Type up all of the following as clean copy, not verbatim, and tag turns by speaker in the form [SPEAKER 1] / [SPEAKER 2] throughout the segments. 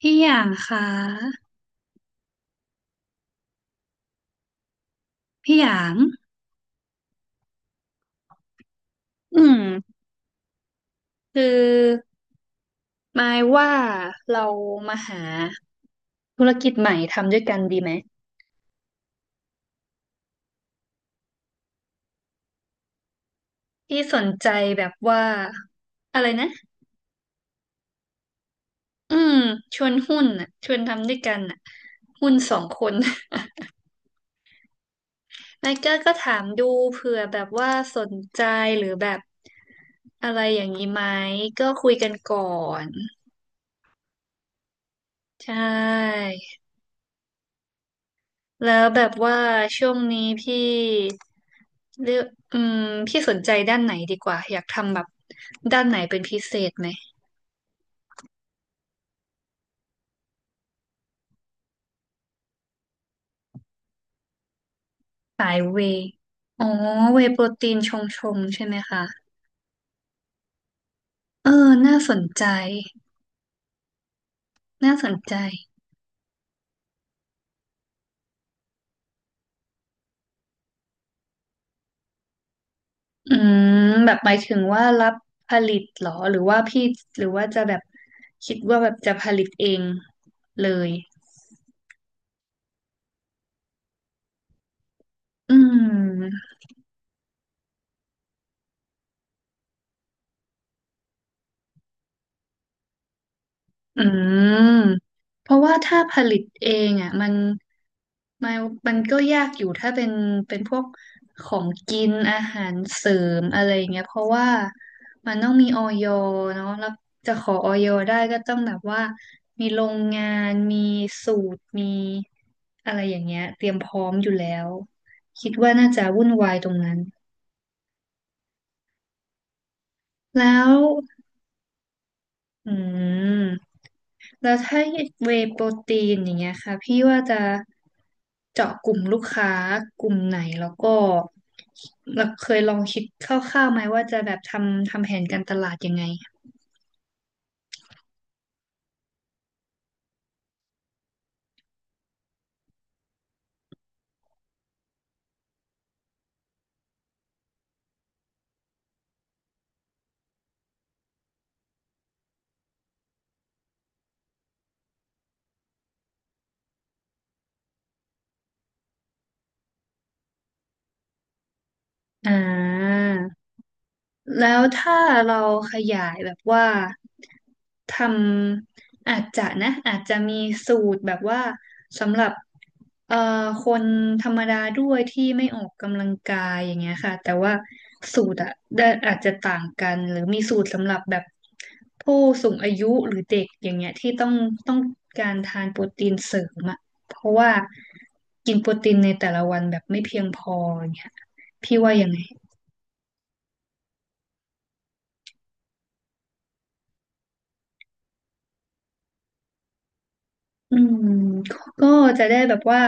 [SPEAKER 1] พี่หยางคะพี่หยางอืมคือหมายว่าเรามาหาธุรกิจใหม่ทำด้วยกันดีไหมพี่สนใจแบบว่าอะไรนะอืมชวนหุ้นอ่ะชวนทำด้วยกันอ่ะหุ้นสองคน นายก็ถามดูเผื่อแบบว่าสนใจหรือแบบอะไรอย่างนี้ไหมก็คุยกันก่อนใช่ แล้วแบบว่าช่วงนี้พี่เลือกอืมพี่สนใจด้านไหนดีกว่าอยากทำแบบด้านไหนเป็นพิเศษไหมสายเวย์อ๋อเวย์โปรตีนชงใช่ไหมคะเออน่าสนใจน่าสนใจ อืมแบบหมายถึงว่ารับผลิตเหรอหรือว่าพี่หรือว่าจะแบบคิดว่าแบบจะผลิตเองเลยอืมอืมเพราะว่าถ้าผลิตเองอ่ะมัน ไมันมันก็ยากอยู่ถ้าเป็นพวกของกินอาหารเสริมอะไรเงี้ยเพราะว่ามันต้องมีออยเนาะแล้วจะขอออยได้ก็ต้องแบบว่ามีโรงงานมีสูตรมีอะไรอย่างเงี้ยเตรียมพร้อมอยู่แล้วคิดว่าน่าจะวุ่นวายตรงนั้นแล้วอืม แล้วถ้าเวย์โปรตีนอย่างเงี้ยค่ะพี่ว่าจะเจาะกลุ่มลูกค้ากลุ่มไหนแล้วก็เราเคยลองคิดคร่าวๆไหมว่าจะแบบทำแผนการตลาดยังไงอ่า แล้วถ้าเราขยายแบบว่าทอาจจะนะอาจจะมีสูตรแบบว่าสำหรับเอ่อคนธรรมดาด้วยที่ไม่ออกกำลังกายอย่างเงี้ยค่ะแต่ว่าสูตรอะได้อาจจะต่างกันหรือมีสูตรสำหรับแบบผู้สูงอายุหรือเด็กอย่างเงี้ยที่ต้องการทานโปรตีนเสริมอะเพราะว่ากินโปรตีนในแต่ละวันแบบไม่เพียงพออย่างเงี้ยพี่ว่ายังไง อืมก็จะได้แบบว่า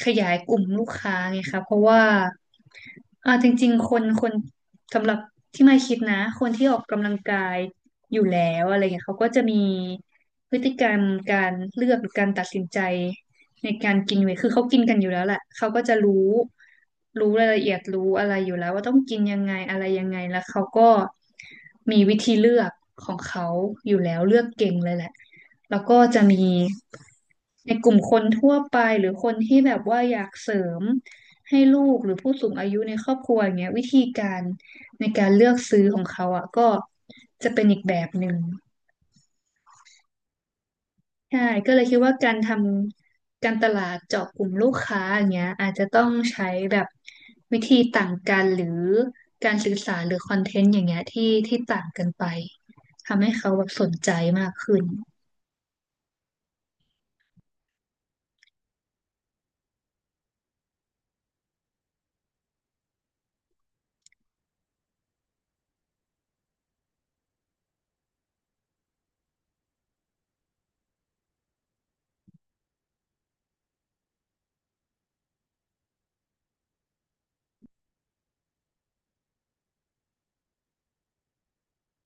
[SPEAKER 1] ขยายกลุ่มลูกค้าไงคะเพราะว่าอ่าจริงๆคนสำหรับที่ไม่คิดนะคนที่ออกกำลังกายอยู่แล้วอะไรเงี้ยเขาก็จะมีพฤติกรรมการเลือกหรือการตัดสินใจในการกินเวทคือเขากินกันอยู่แล้วแหละเขาก็จะรู้รายละเอียดรู้อะไรอยู่แล้วว่าต้องกินยังไงอะไรยังไงแล้วเขาก็มีวิธีเลือกของเขาอยู่แล้วเลือกเก่งเลยแหละแล้วก็จะมี ในกลุ่มคนทั่วไปหรือคนที่แบบว่าอยากเสริมให้ลูกหรือผู้สูงอายุในครอบครัวอย่างเงี้ยวิธีการในการเลือกซื้อของเขาอ่ะก็จะเป็นอีกแบบหนึ่งใช่ก็เลยคิดว่าการทำการตลาดเจาะกลุ่มลูกค้าอย่างเงี้ยอาจจะต้องใช้แบบวิธีต่างกันหรือการสื่อสารหรือคอนเทนต์อย่างเงี้ยที่ต่างกันไปทำให้เขาแบบสนใจมากขึ้น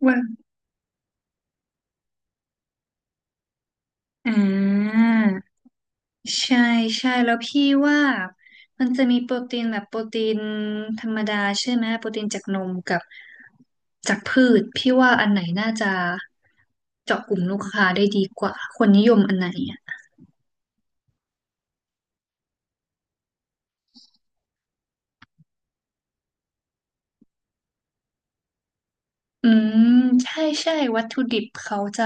[SPEAKER 1] ว่าอ่า ใช่ใช่แล้วพี่ว่ามันจะมีโปรตีนแบบโปรตีนธรรมดาใช่ไหมโปรตีนจากนมกับจากพืชพี่ว่าอันไหนน่าจะเจาะกลุ่มลูกค้าได้ดีกว่าคนนิยมอันไหนอ่ะอืมใช่ใช่วัตถุดิบเขาจะ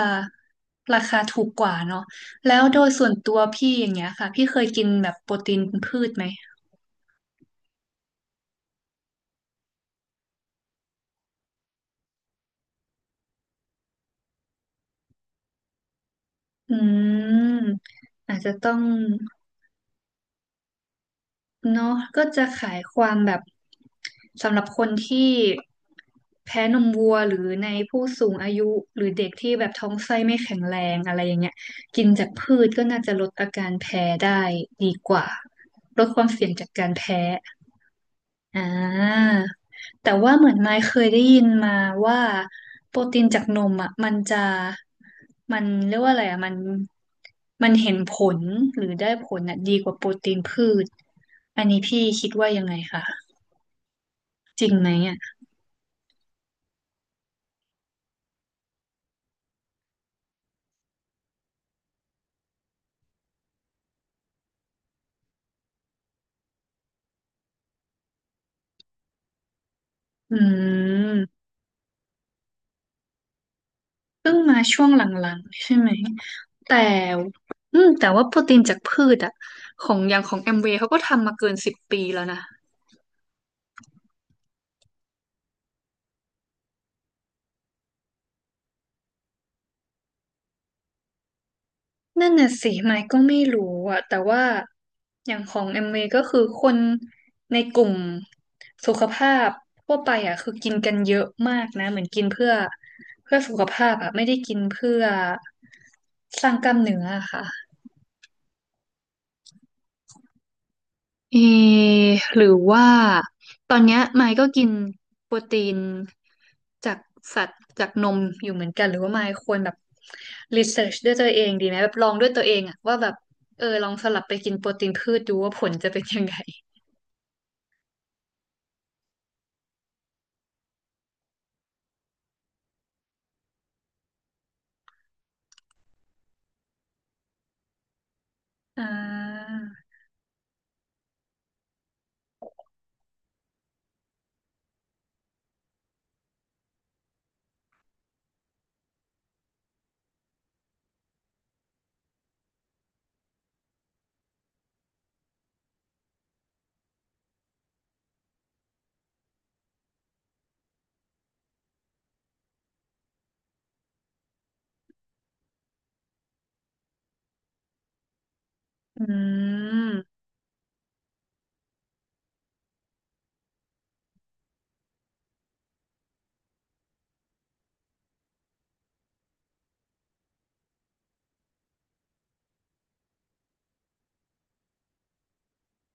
[SPEAKER 1] ราคาถูกกว่าเนาะแล้วโดยส่วนตัวพี่อย่างเงี้ยค่ะพี่เคยกินแบบโปรตีนพืชไหมอืมอาจจะต้อง เนาะก็จะขายความแบบสำหรับคนที่แพ้นมวัวหรือในผู้สูงอายุหรือเด็กที่แบบท้องไส้ไม่แข็งแรงอะไรอย่างเงี้ยกินจากพืชก็น่าจะลดอาการแพ้ได้ดีกว่าลดความเสี่ยงจากการแพ้ อ่าแต่ว่าเหมือนไม้เคยได้ยินมาว่าโปรตีนจากนมอ่ะมันจะมันเรียกว่าอะไรอ่ะมันมันเห็นผลหรือได้ผลอ่ะดีกว่าโปรตีนพืชอันนี้พี่คิดว่ายังไงคะจริงไหมอ่ะอืมเพิ่งมาช่วงหลังๆใช่ไหมแต่อืมแต่ว่าโปรตีนจากพืชอ่ะของอย่างของแอมเวย์เขาก็ทำมาเกิน10 ปีแล้วนะ นั่นน่ะสิไมค์ก็ไม่รู้อะแต่ว่าอย่างของเอ็มวีก็คือคนในกลุ่มสุขภาพทั่วไปอะคือกินกันเยอะมากนะเหมือนกินเพื่อสุขภาพอะไม่ได้กินเพื่อสร้างกล้ามเนื้ออะค่ะ เอหรือว่าตอนเนี้ยไมค์ก็กินโปรตีนจากสัตว์จากนมอยู่เหมือนกันหรือว่าไมค์ควรแบบรีเสิร์ชด้วยตัวเองดีไหมแบบลองด้วยตัวเองอะว่าแบบเออลองสลับไปกินโปรตีนพืชดูว่าผลจะเป็นยังไงอ่าอืม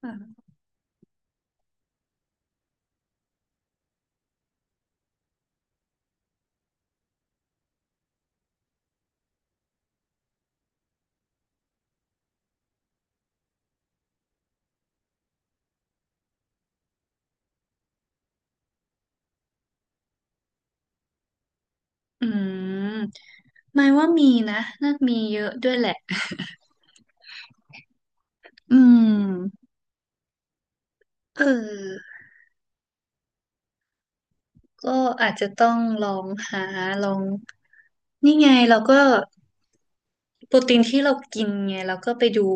[SPEAKER 1] ออืมไมค์ว่ามีนะน่ามีเยอะด้วยแหละอืมเออก็อาจจะต้องลองหาลองนี่ไงเราก็ โปรตีนที่เรากินไงเราก็ไปดู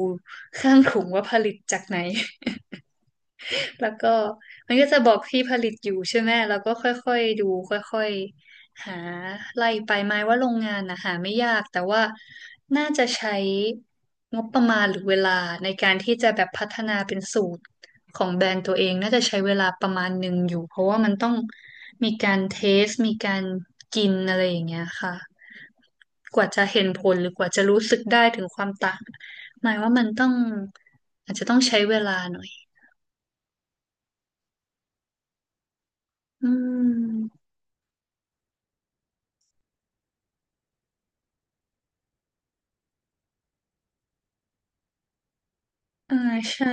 [SPEAKER 1] ข้างถุงว่าผลิตจากไหน แล้วก็มันก็จะบอกที่ผลิตอยู่ใช่ไหมเราก็ค่อยๆดูค่อยๆหาไล่ไปหมายว่าโรงงานนะหาไม่ยากแต่ว่าน่าจะใช้งบประมาณหรือเวลาในการที่จะแบบพัฒนาเป็นสูตรของแบรนด์ตัวเองน่าจะใช้เวลาประมาณหนึ่งอยู่เพราะว่ามันต้องมีการเทสมีการกินอะไรอย่างเงี้ยค่ะ กว่าจะเห็นผลหรือกว่าจะรู้สึกได้ถึงความต่างหมายว่ามันต้องอาจจะต้องใช้เวลาหน่อยอืมอ่าใช่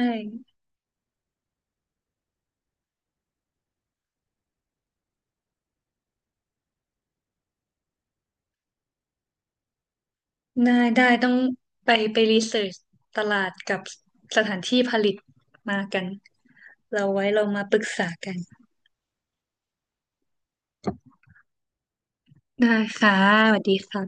[SPEAKER 1] ได้ได้ต้องไปรีเสิร์ชตลาดกับสถานที่ผลิตมากันเราไว้เรามาปรึกษากันได้ค่ะสวัสดีค่ะ